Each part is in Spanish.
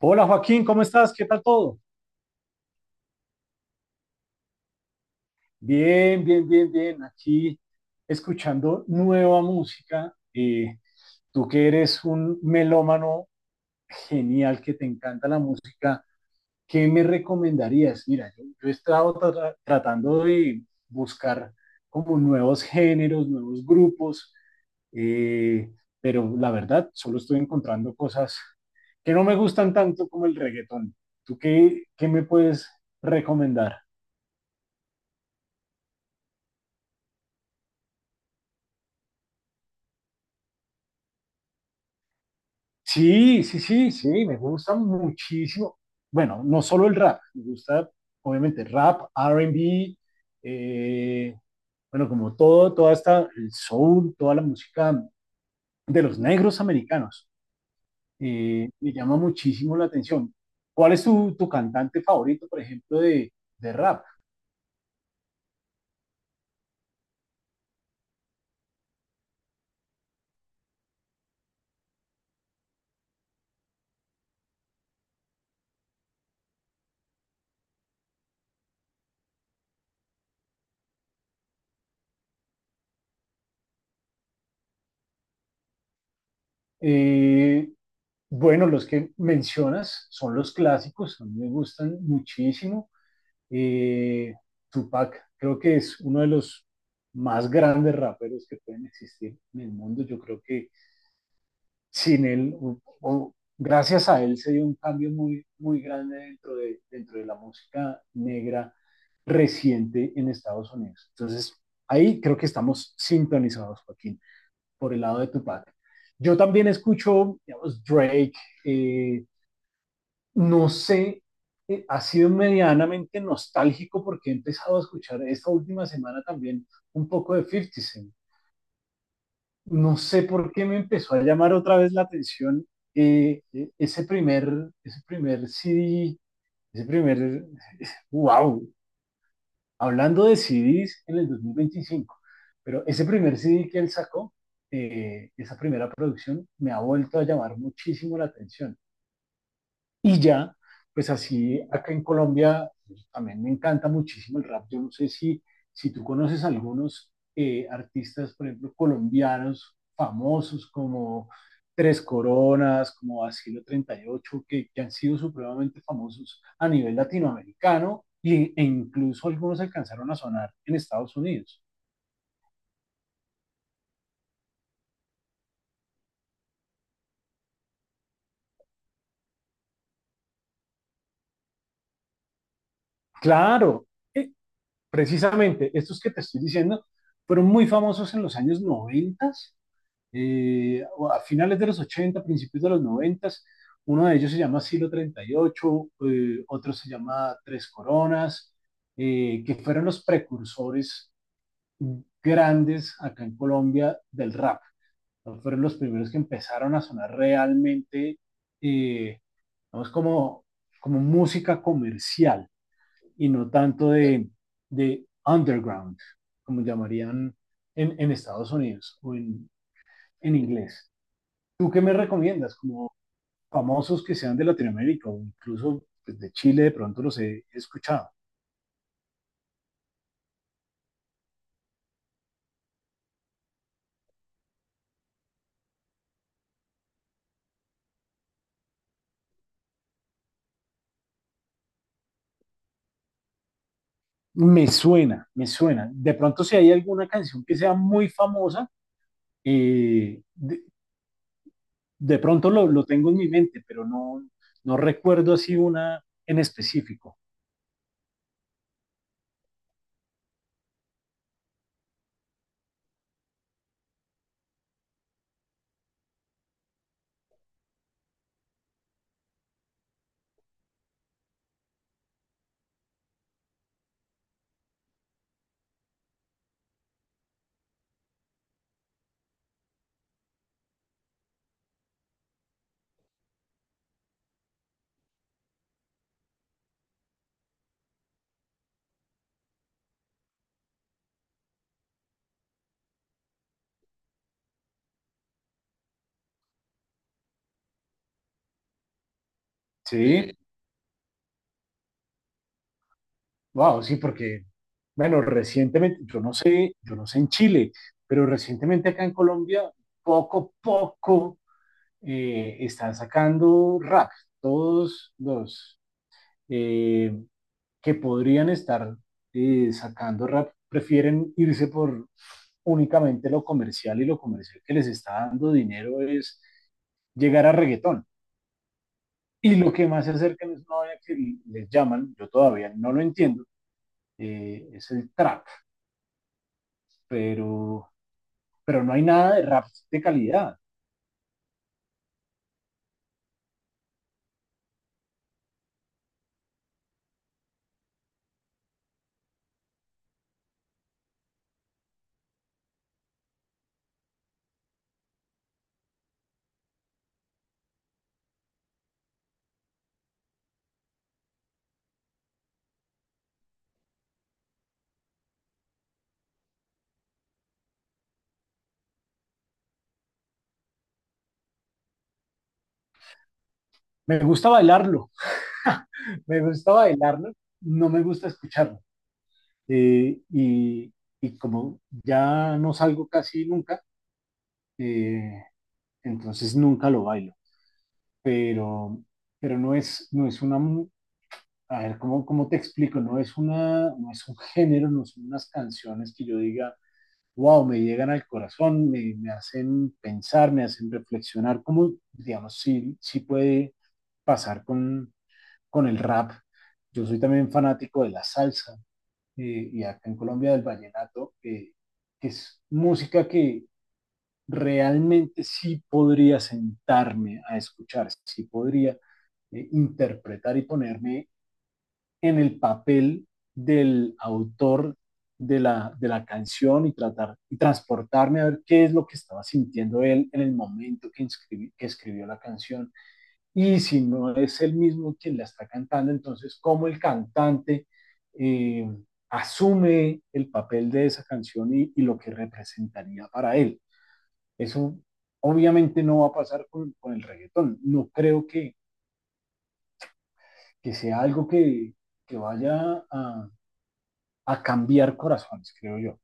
Hola Joaquín, ¿cómo estás? ¿Qué tal todo? Bien, bien, bien, bien. Aquí escuchando nueva música. Tú que eres un melómano genial, que te encanta la música, ¿qué me recomendarías? Mira, yo he estado tratando de buscar como nuevos géneros, nuevos grupos, eh, pero la verdad solo estoy encontrando cosas que no me gustan tanto como el reggaetón. ¿Tú qué me puedes recomendar? Sí, sí, sí, sí, me gusta muchísimo. Bueno, no solo el rap, me gusta obviamente rap, R&B, eh, bueno, como todo, toda esta, el soul, toda la música de los negros americanos, me llama muchísimo la atención. ¿Cuál es tu cantante favorito, por ejemplo, de rap? Eh, bueno, los que mencionas son los clásicos, a mí me gustan muchísimo. Eh, Tupac creo que es uno de los más grandes raperos que pueden existir en el mundo. Yo creo que sin él, o gracias a él, se dio un cambio muy, muy grande dentro de la música negra reciente en Estados Unidos. Entonces, ahí creo que estamos sintonizados, Joaquín, por el lado de Tupac. Yo también escucho, digamos, Drake, eh, no sé, ha sido medianamente nostálgico porque he empezado a escuchar esta última semana también un poco de 50 Cent. No sé por qué me empezó a llamar otra vez la atención ese primer CD, ese primer, wow, hablando de CDs en el 2025, pero ese primer CD que él sacó, esa primera producción, me ha vuelto a llamar muchísimo la atención. Y ya, pues así, acá en Colombia pues, también me encanta muchísimo el rap. Yo no sé si, si tú conoces algunos artistas, por ejemplo, colombianos famosos como Tres Coronas, como Asilo 38 que han sido supremamente famosos a nivel latinoamericano y, e incluso algunos alcanzaron a sonar en Estados Unidos. Claro, eh, precisamente estos que te estoy diciendo fueron muy famosos en los años 90, eh, a finales de los 80 principios de los 90, uno de ellos se llama Silo 38, otro se llama Tres Coronas, que fueron los precursores grandes acá en Colombia del rap. ¿No? Fueron los primeros que empezaron a sonar realmente, eh, vamos, como, como música comercial y no tanto de underground, como llamarían en Estados Unidos o en inglés. ¿Tú qué me recomiendas? Como famosos que sean de Latinoamérica o incluso pues, de Chile, de pronto los he escuchado. Me suena, me suena. De pronto si hay alguna canción que sea muy famosa, eh, de, de pronto lo tengo en mi mente, pero no, no recuerdo así una en específico. Sí, wow, sí, porque, bueno, recientemente, yo no sé en Chile, pero recientemente acá en Colombia, poco, poco, están sacando rack, todos los eh, que podrían estar sacando rap prefieren irse por únicamente lo comercial y lo comercial que les está dando dinero es llegar a reggaetón. Y lo que más se acerca es una vaina que les llaman, yo todavía no lo entiendo, es el trap, pero, pero no hay nada de rap de calidad. Me gusta bailarlo, me gusta bailarlo, no me gusta escucharlo. eh, y, y como ya no salgo casi nunca, eh, entonces nunca lo bailo, pero, pero no es, no es una, a ver, ¿cómo, cómo te explico? No es una, no es un género, no son unas canciones que yo diga, wow, me llegan al corazón, me hacen pensar, me hacen reflexionar, como, digamos, sí, sí puede pasar con el rap. Yo soy también fanático de la salsa, y acá en Colombia del vallenato, que es música que realmente sí podría sentarme a escuchar, sí podría interpretar y ponerme en el papel del autor de la canción y tratar y transportarme a ver qué es lo que estaba sintiendo él en el momento que, que escribió la canción y si no es él mismo quien la está cantando, entonces cómo el cantante eh, asume el papel de esa canción y, lo que representaría para él. Eso obviamente no va a pasar con el reggaetón. No creo que sea algo que vaya a cambiar corazones, creo yo.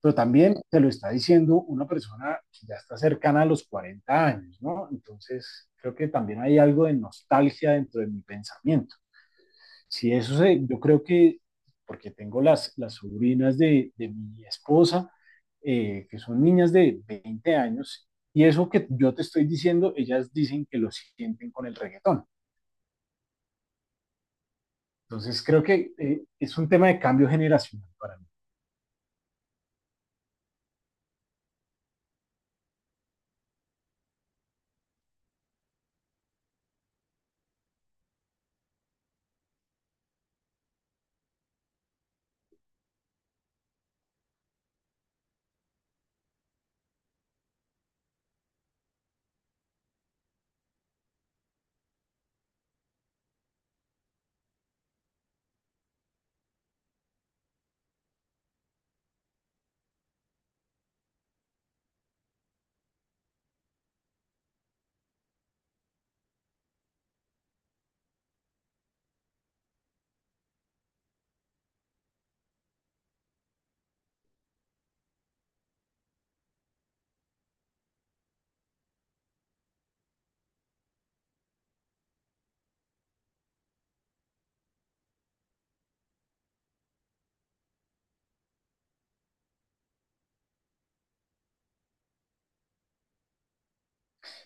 Pero también te lo está diciendo una persona que ya está cercana a los 40 años, ¿no? Entonces, creo que también hay algo de nostalgia dentro de mi pensamiento. Si eso se, yo creo que, porque tengo las sobrinas de mi esposa, que son niñas de 20 años, y eso que yo te estoy diciendo, ellas dicen que lo sienten con el reggaetón. Entonces creo que es un tema de cambio generacional para mí.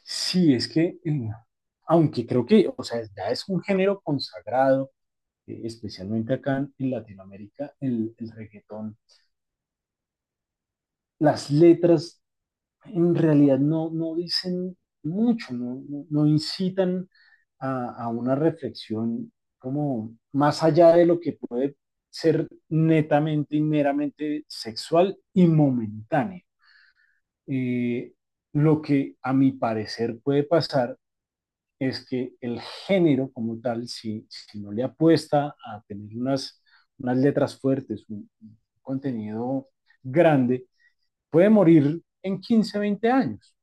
Sí, es que, aunque creo que, o sea, ya es un género consagrado, especialmente acá en Latinoamérica, el reggaetón, las letras en realidad no, no dicen mucho, no incitan a una reflexión como más allá de lo que puede ser netamente y meramente sexual y momentáneo. Eh, lo que a mi parecer puede pasar es que el género como tal, si, si no le apuesta a tener unas, unas letras fuertes, un contenido grande, puede morir en 15 o 20 años.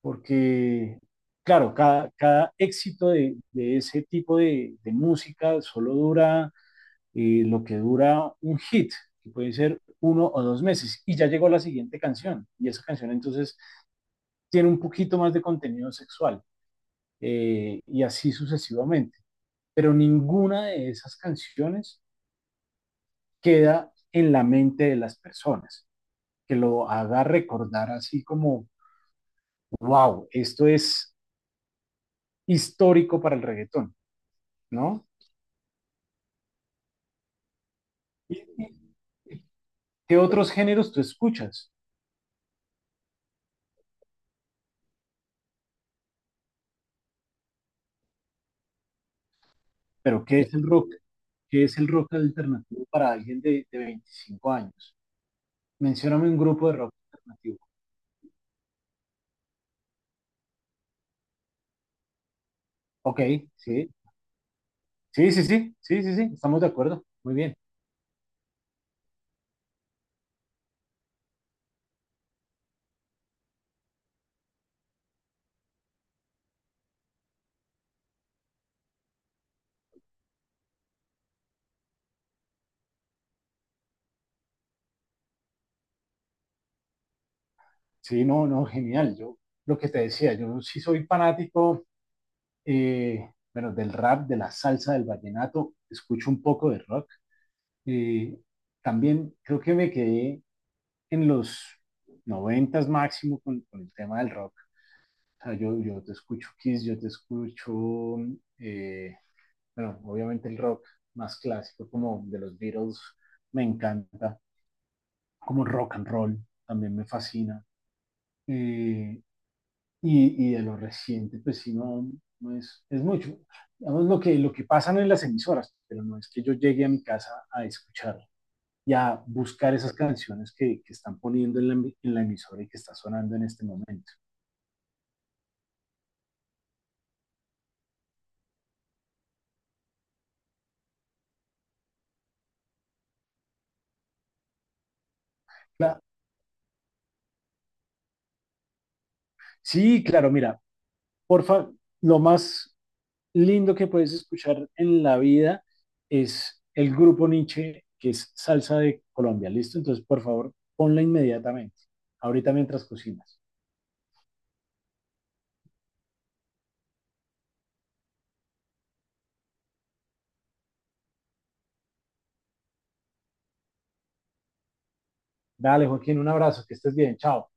Porque, claro, cada éxito de ese tipo de música solo dura lo que dura un hit, que puede ser uno o dos meses, y ya llegó la siguiente canción, y esa canción entonces tiene un poquito más de contenido sexual, y así sucesivamente. Pero ninguna de esas canciones queda en la mente de las personas, que lo haga recordar así como, wow, esto es histórico para el reggaetón, ¿no? ¿Y ¿Qué otros géneros tú escuchas? Pero ¿qué es el rock? ¿Qué es el rock alternativo para alguien de 25 años? Mencióname un grupo de rock alternativo. Ok, sí, sí, sí, sí, sí, sí, sí, estamos de acuerdo. Muy bien. Sí, no, no, genial. Yo lo que te decía, yo sí soy fanático, bueno, del rap, de la salsa, del vallenato, escucho un poco de rock. Eh, También creo que me quedé en los noventas máximo con el tema del rock. O sea, yo te escucho Kiss, yo te escucho, eh, bueno, obviamente el rock más clásico como de los Beatles me encanta, como rock and roll también me fascina. Eh, de lo reciente, pues sí, no, es, mucho. Digamos, lo que pasan en las emisoras, pero no es que yo llegue a mi casa a escuchar y a buscar esas canciones que están poniendo en la, emisora y que está sonando en este momento. Sí, claro, mira, porfa, lo más lindo que puedes escuchar en la vida es el grupo Nietzsche, que es Salsa de Colombia. ¿Listo? Entonces, por favor, ponla inmediatamente, ahorita mientras cocinas. Dale, Joaquín, un abrazo, que estés bien. Chao.